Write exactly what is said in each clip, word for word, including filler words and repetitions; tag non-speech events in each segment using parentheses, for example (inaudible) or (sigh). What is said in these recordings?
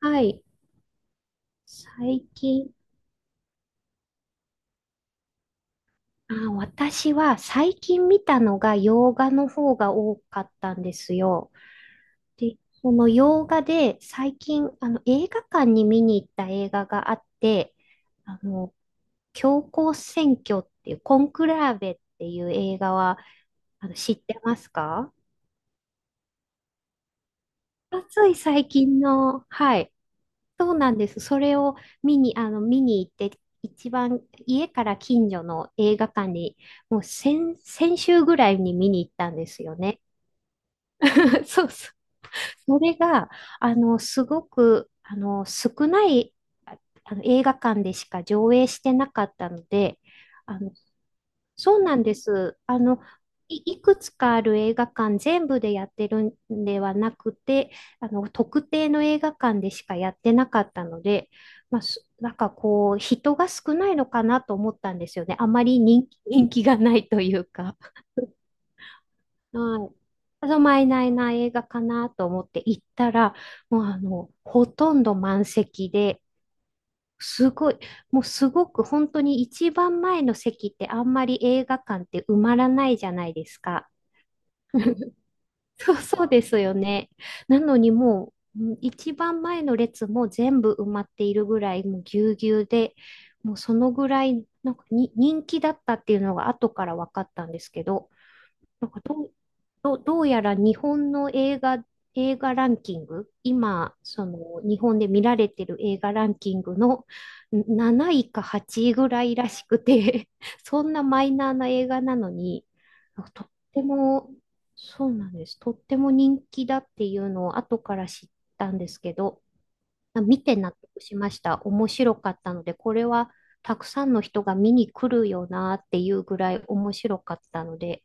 はい。最近、あ、私は最近見たのが洋画の方が多かったんですよ。で、その洋画で最近、あの、映画館に見に行った映画があって、あの、教皇選挙っていう、コンクラーベっていう映画は、あの、知ってますか？あ、つい最近の、はい。そうなんです。それを見に、あの、見に行って、一番家から近所の映画館に、もう先、先週ぐらいに見に行ったんですよね。(laughs) そうそう。それが、あの、すごく、あの、少ない、ああの、映画館でしか上映してなかったので、あの、そうなんです。あの、い、いくつかある映画館全部でやってるんではなくて、あの、特定の映画館でしかやってなかったので、まあ、すなんかこう、人が少ないのかなと思ったんですよね。あまり人気、(laughs) 人気がないというか。はい。ただまいないな映画かなと思って行ったら、もうあの、ほとんど満席で、すごい、もうすごく本当に一番前の席ってあんまり映画館って埋まらないじゃないですか。そう、そうですよね。なのにもううん一番前の列も全部埋まっているぐらいもうぎゅうぎゅうで、もうそのぐらいなんかに人気だったっていうのが後から分かったんですけど、なんかどう、どう、どうやら日本の映画、映画ランキング、今、その日本で見られてる映画ランキングのんなないかはちいぐらいらしくて (laughs) そんなマイナーな映画なのに、なんかとっても、そうなんです。とっても人気だっていうのを後から知ったんですけど、あ、見て納得しました。面白かったので、これはたくさんの人が見に来るよなっていうぐらい面白かったので、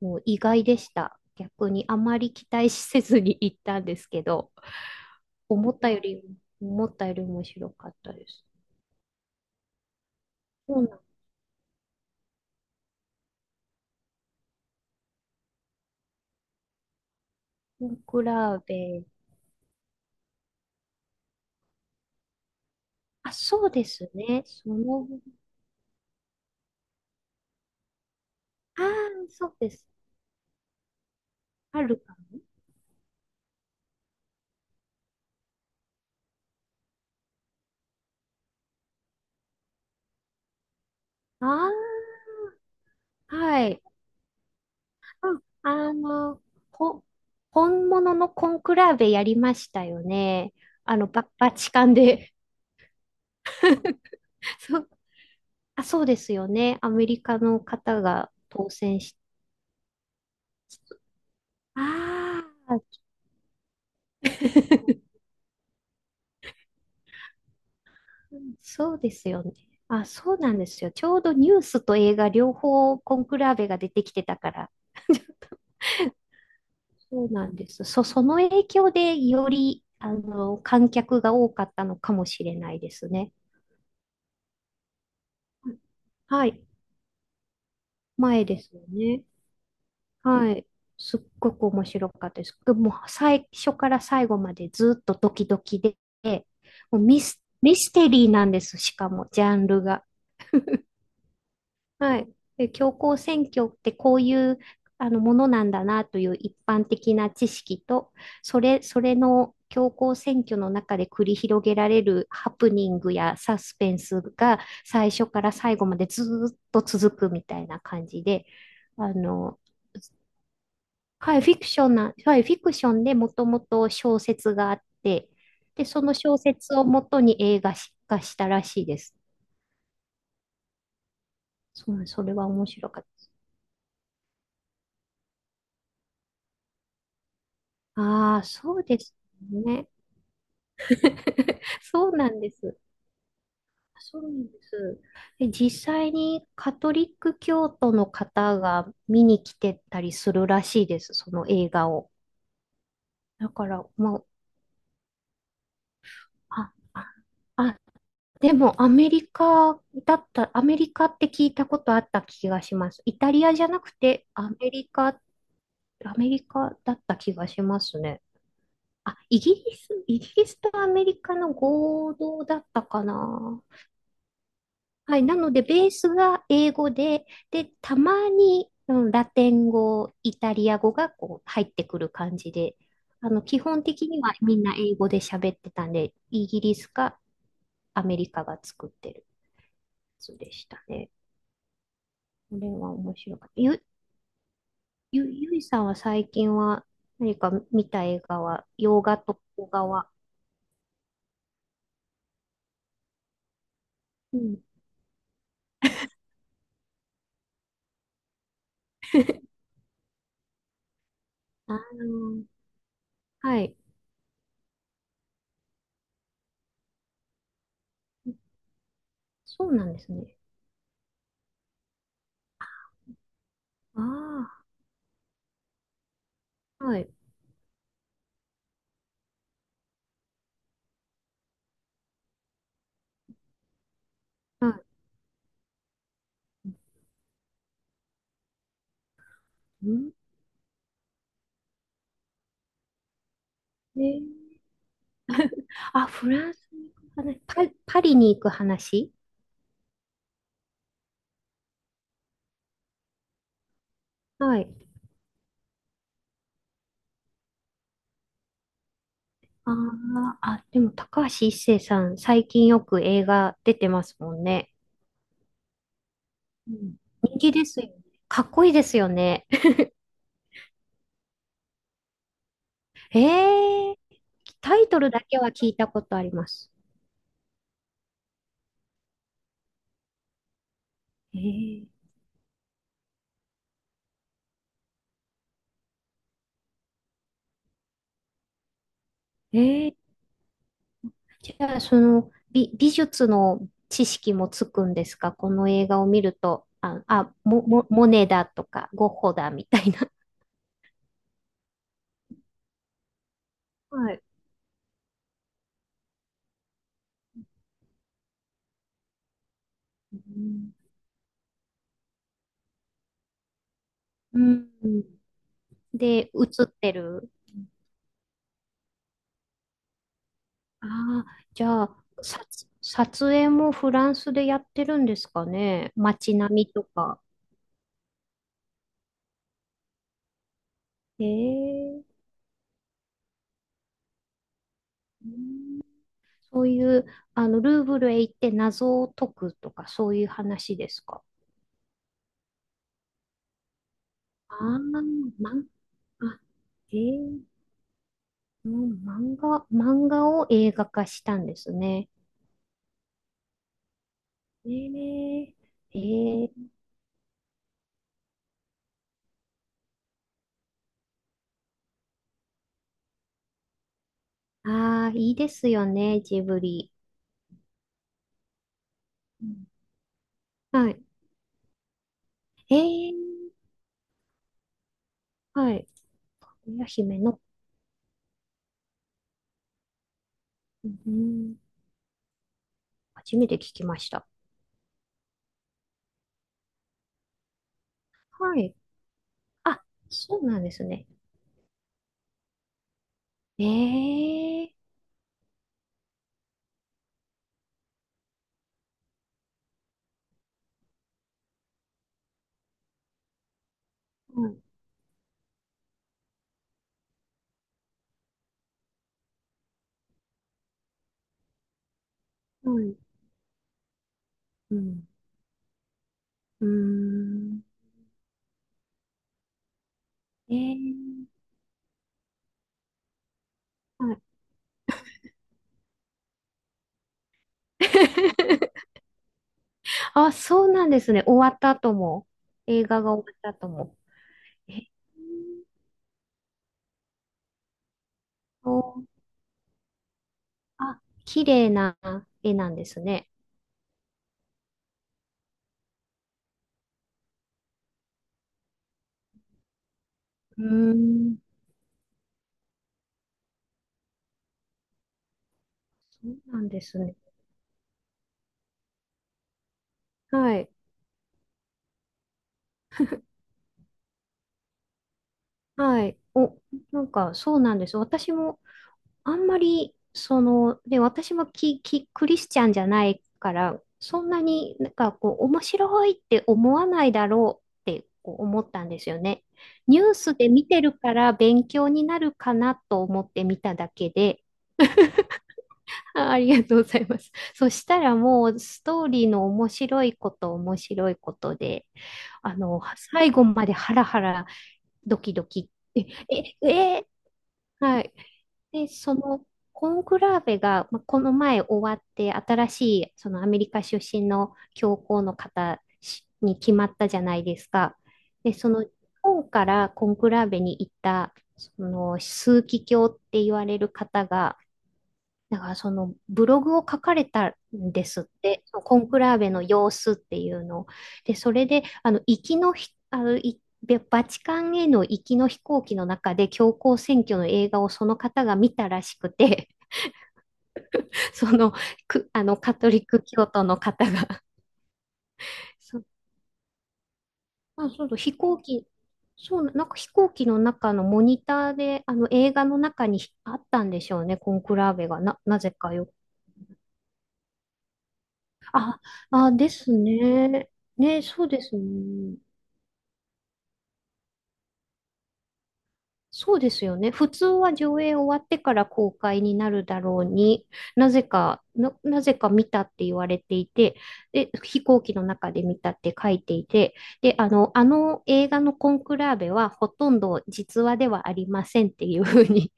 もう意外でした。逆にあまり期待せずに行ったんですけど、思ったより、思ったより面白かったです。そうなん、コンクラーベ、あ、そうですね。その、ああ、そうです。あるかな。ああ、はい。うんあの、ほ、本物のコンクラーベやりましたよね。あの、バ、バチカンで。(laughs) そう、あ、そうですよね。アメリカの方が当選し、ああ、(laughs) そうですよね。あ、そうなんですよ。ちょうどニュースと映画両方コンクラーベが出てきてたから。(laughs) そうなんです。そ、その影響でより、あの、観客が多かったのかもしれないですね。はい。前ですよね。はい。すっごく面白かったです。もう最初から最後までずっとドキドキで、もうミス、ミステリーなんです。しかも、ジャンルが。はい。で、教皇選挙ってこういうあのものなんだなという一般的な知識と、それ、それの教皇選挙の中で繰り広げられるハプニングやサスペンスが最初から最後までずーっと続くみたいな感じで、あの、はい、フィクションな、はい、フィクションでもともと小説があって、で、その小説をもとに映画化したらしいです。そう、それは面白かった。ああ、そうですね。(laughs) そうなんです。そうなんです。で、実際にカトリック教徒の方が見に来てたりするらしいです、その映画を。だから、もう、あ、あ、あ、でもアメリカだった、アメリカって聞いたことあった気がします。イタリアじゃなくてアメリカ、アメリカだった気がしますね。あ、イギリス、イギリスとアメリカの合同だったかな。はい。なので、ベースが英語で、で、たまに、うん、ラテン語、イタリア語がこう入ってくる感じで、あの、基本的にはみんな英語で喋ってたんで、イギリスかアメリカが作ってるやつでしたね。これは面白かった。ゆ、ゆ、ゆいさんは最近は何か見た映画は、洋画と邦画は、うん。あの、はい。そうなんですね。ああ、はい。はい。うん。えーあ、フランスに行く話、パ、パリに行く話はい。あーあ、でも高橋一生さん、最近よく映画出てますもんね。うん、人気ですよね。かっこいいですよね。(laughs) えー、タイトルだけは聞いたことあります。ええ。えーじゃあ、その美、美術の知識もつくんですか？この映画を見ると、あ、あ、モ、モ、モネだとか、ゴッホだみたいな。(laughs) はい。うん。うん、で、映ってる。ああ、じゃあ、撮撮影もフランスでやってるんですかね。街並みとか。ええうんそういう、あの、ルーブルへ行って謎を解くとか、そういう話ですか？ああ、まん、あ、ええうん漫画、漫画を映画化したんですね。ええ。ええ。ああ、いいですよね、ジブリ。うん。はい。ええ。はい。かぐや姫の、うん、初めて聞きました。はい。あ、そうなんですね。ええー。はい。はい。うん。うーん。ええー。はい。(laughs) あ、そうなんですね。終わった後も、映画が終わった後も。えーと、あ、綺麗な絵なんですね。うーん、そうなんですね。はい、はい。お、なんか、そうなんです。私もあんまり、その、で、私もキ、キ、クリスチャンじゃないから、そんなになんかこう、面白いって思わないだろうってこう思ったんですよね。ニュースで見てるから勉強になるかなと思って見ただけで、あ、ありがとうございます。そしたらもうストーリーの面白いこと面白いことで、あの、最後までハラハラドキドキって、え、え、え、はい。で、そのコンクラーベが、まあ、この前終わって、新しいそのアメリカ出身の教皇の方しに決まったじゃないですか。で、その日本からコンクラーベに行った、その枢機卿って言われる方が、だからそのブログを書かれたんですって、そのコンクラーベの様子っていうのを。で、それで、あの、行きのひ、あの、いバチカンへの行きの飛行機の中で教皇選挙の映画をその方が見たらしくて、(laughs) その、く、あの、カトリック教徒の方が。(laughs) そう、あ、そうそう、飛行機、そう、なんか飛行機の中のモニターで、あの、映画の中にあったんでしょうね、コンクラーベが。な、なぜかよ、あ、あ、ですね。ね、そうですね。そうですよね。普通は上映終わってから公開になるだろうに、なぜか、な、なぜか見たって言われていて、で、飛行機の中で見たって書いていて、で、あの、あの映画のコンクラーベはほとんど実話ではありませんっていうふうに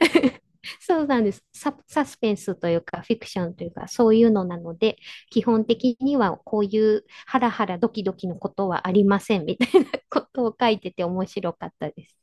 (laughs) そうなんです。サ、サスペンスというか、フィクションというか、そういうのなので、基本的にはこういうハラハラドキドキのことはありませんみたいなことを書いてて面白かったです。